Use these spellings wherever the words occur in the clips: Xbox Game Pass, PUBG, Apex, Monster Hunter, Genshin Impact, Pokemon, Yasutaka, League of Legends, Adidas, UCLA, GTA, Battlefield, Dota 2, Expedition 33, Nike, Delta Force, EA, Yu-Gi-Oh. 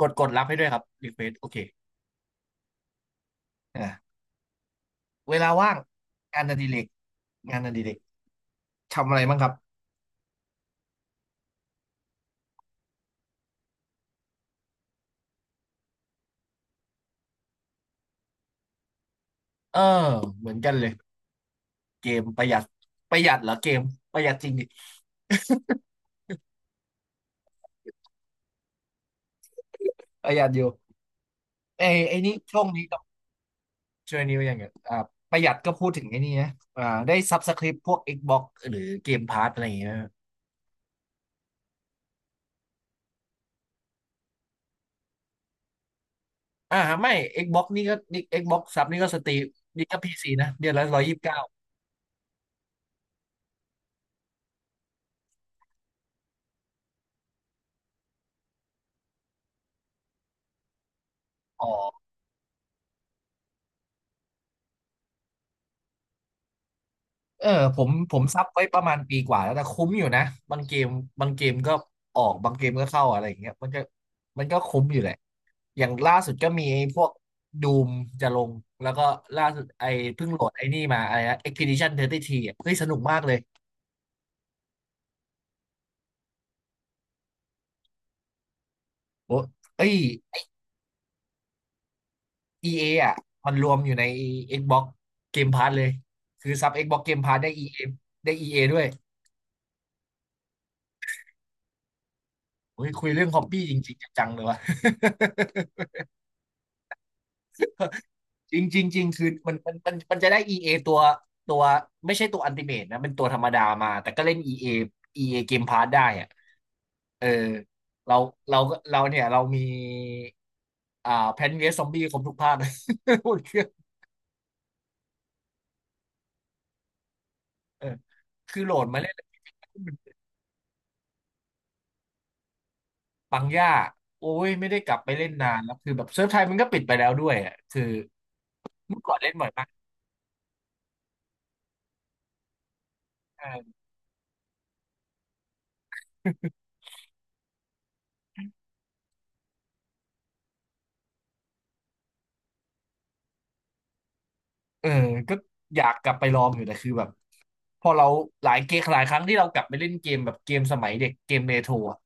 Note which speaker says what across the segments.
Speaker 1: กดกดรับให้ด้วยครับรีเควสโอเคอ่ะเวลาว่างงานอดิเรกงานอดิเรกทำอะไรบ้างครับเออเหมือนกันเลยเกมประหยัดประหยัดเหรอเกมประหยัดจริงดิประหยัดอยู่ไอ้ไอ้นี่ช่วงนี้ต้องช่วงนี้ว่าอย่างเงี้ยประหยัดก็พูดถึงไอ้นี่นะได้ซับสคริปพวก Xbox หรือเกมพาสอะไรอย่างเงี้ยนะอ่าไม่ Xbox นี่ก็นี่ Xbox ซับนี่ก็สตรีมนี่ก็พีซีนะเดือนละ129อ๋อ เออผมซับไว้ประมาณปีกว่าแล้วแต่คุ้มอยู่นะบางเกมบางเกมก็ออกบางเกมก็เข้าอะไรอย่างเงี้ยมันก็คุ้มอยู่แหละอย่างล่าสุดก็มีไอ้พวกดูมจะลงแล้วก็ล่าสุดไอ้เพิ่งโหลดไอ้นี่มาอะไรนะ Expedition 33อ่ะเฮ้ยสนุกมากเลยโอ้เอ้ย EA ออ่ะมันรวมอยู่ใน Xbox Game Pass เลยคือซับ Xbox Game Pass ได้ EA ได้ EA ด้วยโอ้ยคุยเรื่องฮอบบี้จริงๆจังๆเลยวะ จริงจริงจริงคือมันจะได้ EA ตัวตัวไม่ใช่ตัวอั t ติเม e นะเป็นตัวธรรมดามาแต่ก็เล่น EA EA เออีเอเกมพาสได้อะเออเราเราก็เราเนี่ยเรามีแพนเวสซอมบี้ครบทุกภาค หมดเครื่องเออคือโหลดมาเล่นแล้วมันปังย่าโอ้ยไม่ได้กลับไปเล่นนานแล้วคือแบบเซิร์ฟไทยมันก็ปิดไปแล้วด้วยอ่ะคือเมื่อก่อนเล่นบ่อยมากเออ เออก็อยากกลับไปลองอยู่แต่คือแบบ พอเราหลายเกมหลายครั้งที่เรากลับไปเล่นเกมแบบเกมสมัยเด็กเกมเรโทรอะ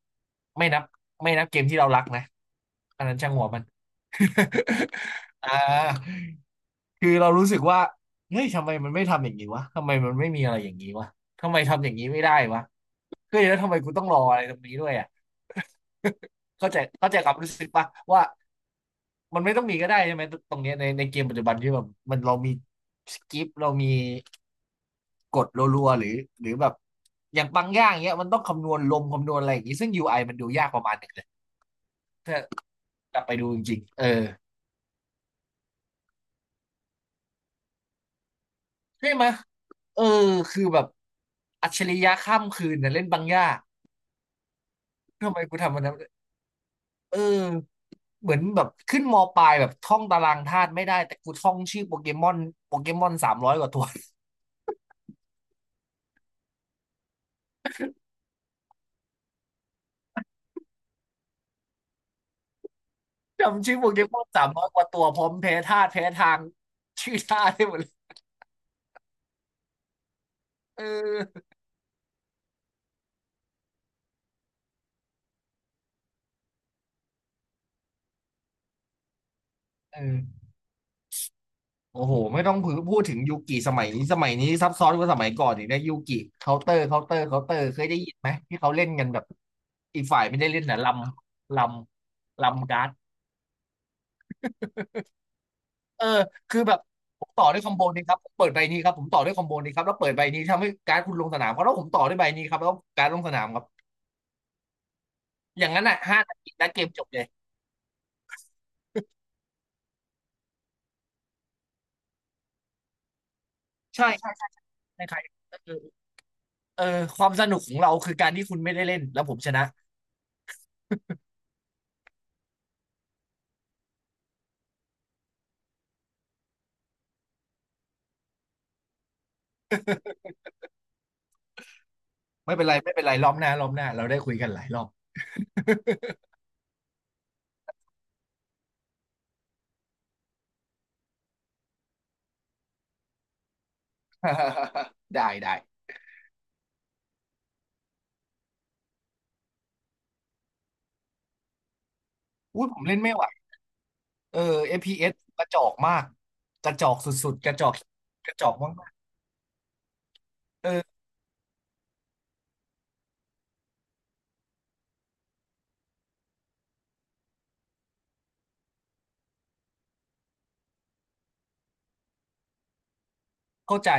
Speaker 1: ไม่นับไม่นับเกมที่เรารักนะอันนั้นช่างหัวมัน อ่าคือเรารู้สึกว่าเฮ้ยทำไมมันไม่ทำอย่างนี้วะทำไมมันไม่มีอะไรอย่างนี้วะทำไมทำอย่างนี้ไม่ได้วะเฮ้ยแล้วทำไมกูต้องรออะไรตรงนี้ด้วยอ่ะ เข้าใจเข้าใจความรู้สึกปะว่ามันไม่ต้องมีก็ได้ใช่ไหมตรงเนี้ยในเกมปัจจุบันที่แบบมันเรามีสกิปเรามี กดรัวๆหรือหรือแบบอย่างบางอย่างเงี้ยมันต้องคำนวณลมคำนวณอะไรอย่างงี้ซึ่ง UI มันดูยากประมาณหนึ่งเลยถ้ากลับไปดูจริงๆเออใช่ไหมยเออคือแบบอัจฉริยะข้ามคืนนะเล่นบางอย่างทำไมกูทำมันนั้นเออเหมือนแบบขึ้นมปลายแบบท่องตารางธาตุไม่ได้แต่กูท่องชื่อโปเกมอนโปเกมอนสามร้อยกว่าตัว จำชื่อโปเกมอน300กว่าตัวพร้อมแพ้ธาตุแพ้ทางชื่อธาตุได้หมดเลยเออเออ โอ้โหไม่ต้องพูดถึงยูกิสมัยนี้สมัยนี้ซับซ้อนกว่าสมัยก่อนอีกนะยูกิเคาน์เตอร์เคาน์เตอร์เคาน์เตอร์เคยได้ยินไหมที่เขาเล่นกันแบบอีกฝ่ายไม่ได้เล่นนะำลลำการ์ดเออคือแบบผมต่อด้วยคอมโบนี้ครับผมเปิดใบนี้ครับผมต่อด้วยคอมโบนี้ครับแล้วเปิดใบนี้ทำให้การ์ดคุณลงสนามครับแล้วผมต่อด้วยใบนี้ครับแล้วการ์ดลงสนามครับอย่างนั้นอ่ะ5 นาทีแล้วเกมจบเลยใช่ใช่ใช่ใช่ในไทยเออเออความสนุกของเราคือการที่คุณไม่ได้เล่นแล้วผมชนะไม่เป็นไรไม่เป็นไรรอบหน้ารอบหน้าเราได้คุยกันหลายรอบ ได้ได้อุ้ยผมเล่นไม่ไหวเออเ p s กระจอกมากกระจอกสุดๆกระจอกกระจอกมากๆเออเข้าใจ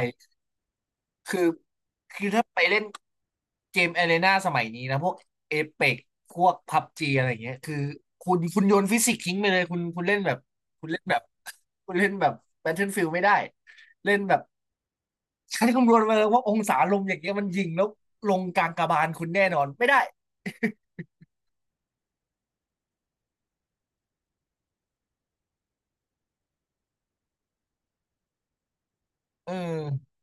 Speaker 1: คือคือถ้าไปเล่นเกม a อารีนาสมัยนี้นะพวกเอเปกพวกพับจีอะไรอย่างเงี้ยคือคุณโยนฟิสิกส์ทิ้งไปเลยคุณเล่นแบบคุณเล่นแบบคุณเล่นแบบ Battlefield ไม่ได้เล่นแบบใช้คำนวณมาเลยว่าองศาลมอย่างเงี้ยมันยิงแล้วลงกลางกระบาลคุณแน่นอนไม่ได้เออ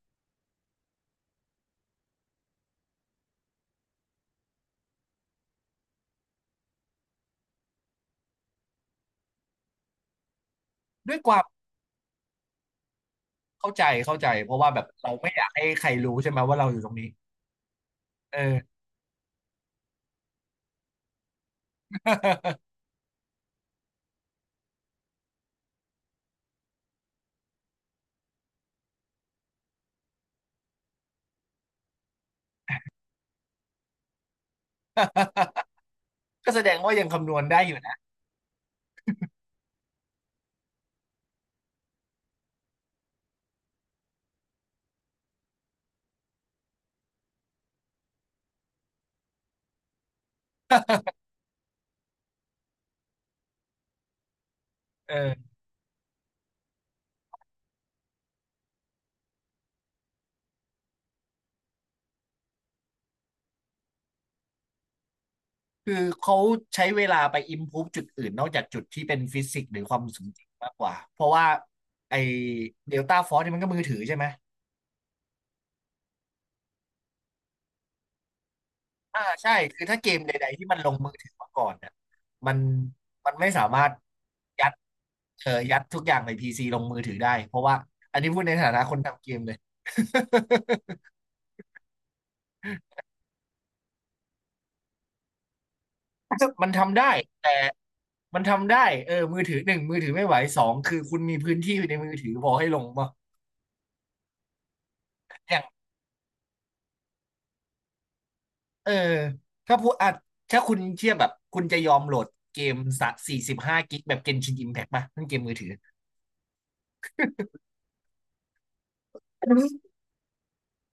Speaker 1: ด้วยความ เข้าใจเข้าใจเพราะว่าแบบเราไม่อยากให้ใครรู้ใช่ไหมว่าเราอยู่ตรงนี้เออ ก็แสดงว่ายังคำนวณได้อยู่นะเออคือเขาใช้เวลาไป improve จุดอื่นนอกจากจุดที่เป็นฟิสิกส์หรือความสมจริงมากกว่าเพราะว่าไอเดลต้าฟอร์สนี่ยมันก็มือถือใช่ไหมอ่าใช่คือถ้าเกมใดๆที่มันลงมือถือมาก่อนเนี่ยมันไม่สามารถยัดเออยัดทุกอย่างในพีซีลงมือถือได้เพราะว่าอันนี้พูดในฐานะคนทำเกมเลย มันทำได้แต่ มันทำได้มือถือหนึ่งมือถือไม่ไหวสองคือคุณมีพื้นที่ในมือถือพอให้ลงป่ะอย่างเออถ้าพูดอ่ะถ้าคุณเทียบแบบคุณจะยอมโหลดเกมสักสี่สิบห้ากิกแบบ Genshin Impact ป่ะนั่นเกมมือถือ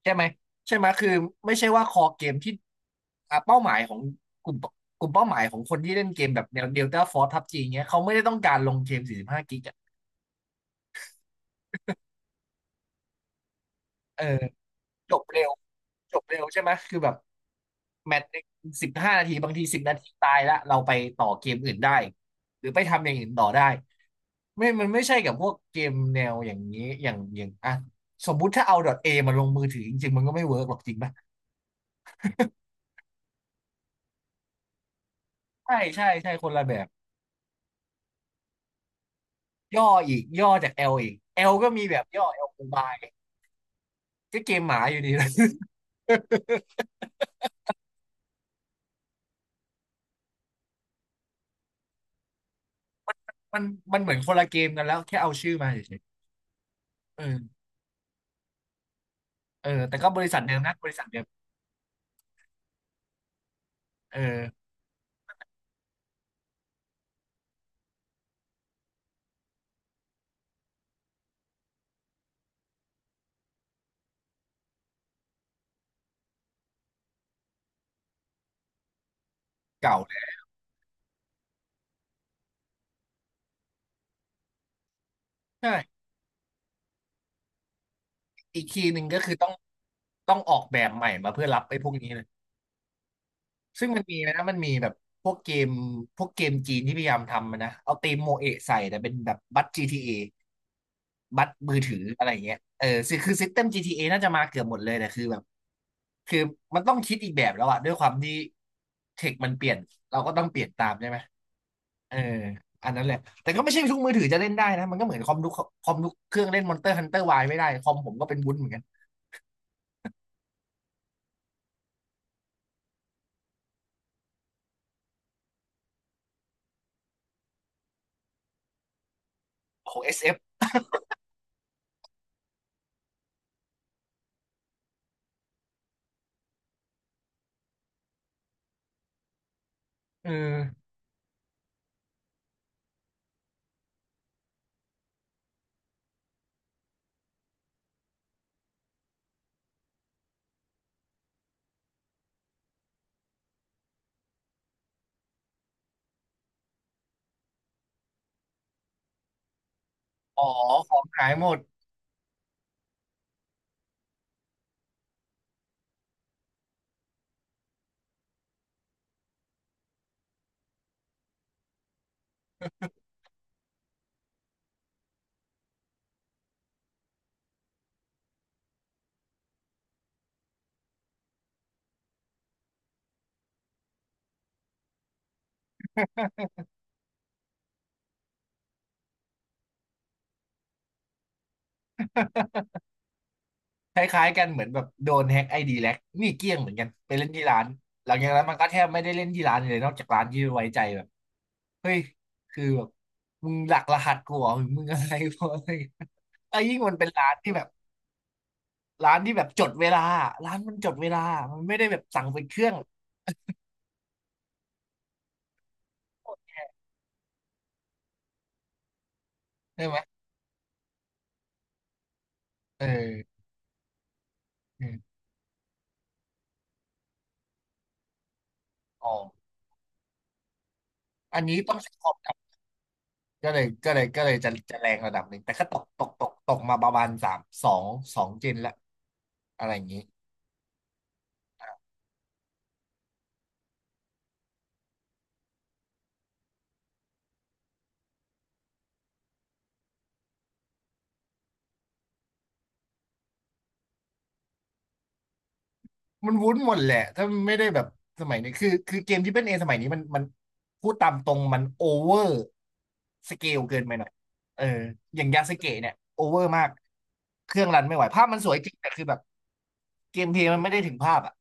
Speaker 1: ใช่ไหมใช่ไหมคือไม่ใช่ว่าคอเกมที่อ่ะเป้าหมายของกลุ่มกลุ่มเป้าหมายของคนที่เล่นเกมแบบแนว Delta Force พับจีเงี้ยเขาไม่ได้ต้องการลงเกมสี่สิบห้ากิกอะเออ จบเร็วจบเร็วใช่ไหมคือแบบแมตช์หนึ่ง15 นาทีบางที10 นาทีตายละเราไปต่อเกมอื่นได้หรือไปทำอย่างอื่นต่อได้ไม่มันไม่ใช่กับพวกเกมแนวอย่างนี้อย่างอ่ะสมมุติถ้าเอาดอท A มาลงมือถือจริงๆมันก็ไม่เวิร์กหรอกจริงป่ะใช่ใช่ใช่คนละแบบย่ออีกย่อจาก L อีก L ลก็มีแบบย่อ L อลโมบายก็เกมหมาอยู่ดีนะ มันมันเหมือนคนละเกมกันแล้วแค่เอาชื่อมาเฉยๆเออแต่ก็บริษัทเดิมนะบริษัทเดิมเออเก่าเลยใช่ อีกคีย์หนึ่งก็คือต้องออกแบบใหม่มาเพื่อรับไอ้พวกนี้เลยซึ่งมันมีนะมันมีแบบพวกเกมพวกเกมจีนที่พยายามทำอะนะเอาธีมโมเอะใส่แต่เป็นแบบบัตร GTA บัตรมือถืออะไรอย่างเงี้ยเออคือซิสเต็ม GTA น่าจะมาเกือบหมดเลยแต่คือแบบคือมันต้องคิดอีกแบบแล้วอะด้วยความที่เทคมันเปลี่ยนเราก็ต้องเปลี่ยนตามใช่ไหมเอออันนั้นแหละแต่ก็ไม่ใช่ทุกมือถือจะเล่นได้นะมันก็เหมือนคอมทุกเครื่องเล่น Monster Hunter Y ไม่ได้คอมผมก็เป็นวุ้นเหมือนกันโอ้ SF เอออ๋อ ของหายหมด คล้ายๆกันเหมือนแบบโดนแฮ็กไอดีแล็กนี่เกลี้ยงเหมือนกันไปเล่นที่ร้านหลังจากนั้นมันก็แทบไม่ได้เล่นที่ร้านเลยนอกจากร้านที่ไว้ใจแบบเฮ้ยคือแบบมึงหลักรหัสกูเหรอมึงอะไรพวกอะไรไอ้ยิ่งมันเป็นร้านที่แบบจดเวลาร้านมันจดเวลามันไม่ได้แบบสั่งเป็นเครื่องใช่ไหมเออเอออ๋ออันนี้ต้องใช้คอมครับก็เลยจะแรงระดับหนึ่งแต่ก็ตกมาประมาณสามสองสองเจนละ อะไรอย่างนี้มันวุ้นหมดแหละถ้าไม่ได้แบบสมัยนี้คือเกมที่เป็นเอสมัยนี้มันพูดตามตรงมันโอเวอร์สเกลเกินไปหน่อยเอออย่างยาสึเกะเนี่ยโอเวอร์มากเครื่องรันไม่ไหวภาพมันสวยจริงแต่คือแบบเกมเพลย์มันไม่ได้ถึงภาพอ่ะ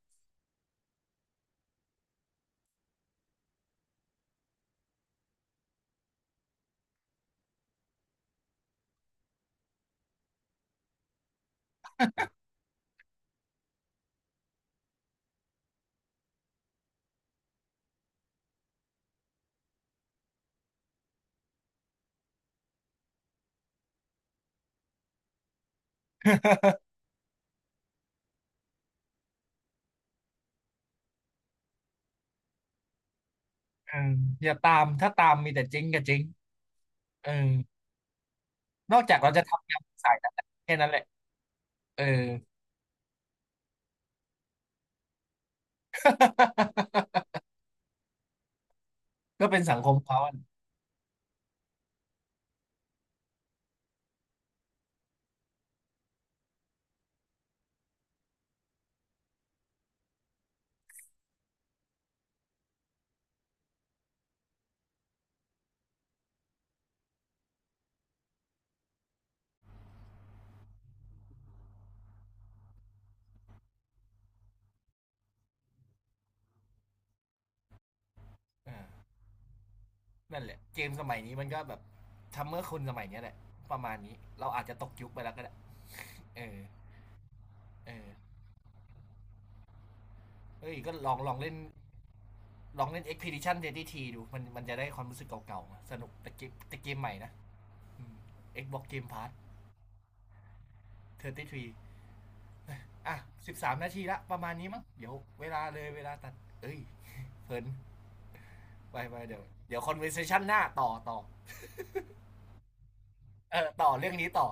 Speaker 1: เอออย่าตามถ้าตามมีแต่เจ๊งกับเจ๊งเออนอกจากเราจะทำงานสายนั้นแหละแค่นั้นแหละเออ ก็เป็นสังคมเขาอะ นั่นแหละเกมสมัยนี้มันก็แบบทำเมื่อคนสมัยนี้แหละประมาณนี้เราอาจจะตกยุคไปแล้วก็ได้เออเออเฮ้ยก็ลองเล่นลองเล่น Expedition 33ดสิบ T ดูมันมันจะได้ความรู้สึกเก่าๆสนุกแต่เกมใหม่นะอม Xbox Game Pass 33อร์ตี้ทรีอ่ะ13นาทีละประมาณนี้มั้งเดี๋ยวเวลาเลยเวลาตัดเอ้ย เพลินไปไปเดี๋ยว conversation หน้าต่อเออต่อเรื่องนี้ต่อ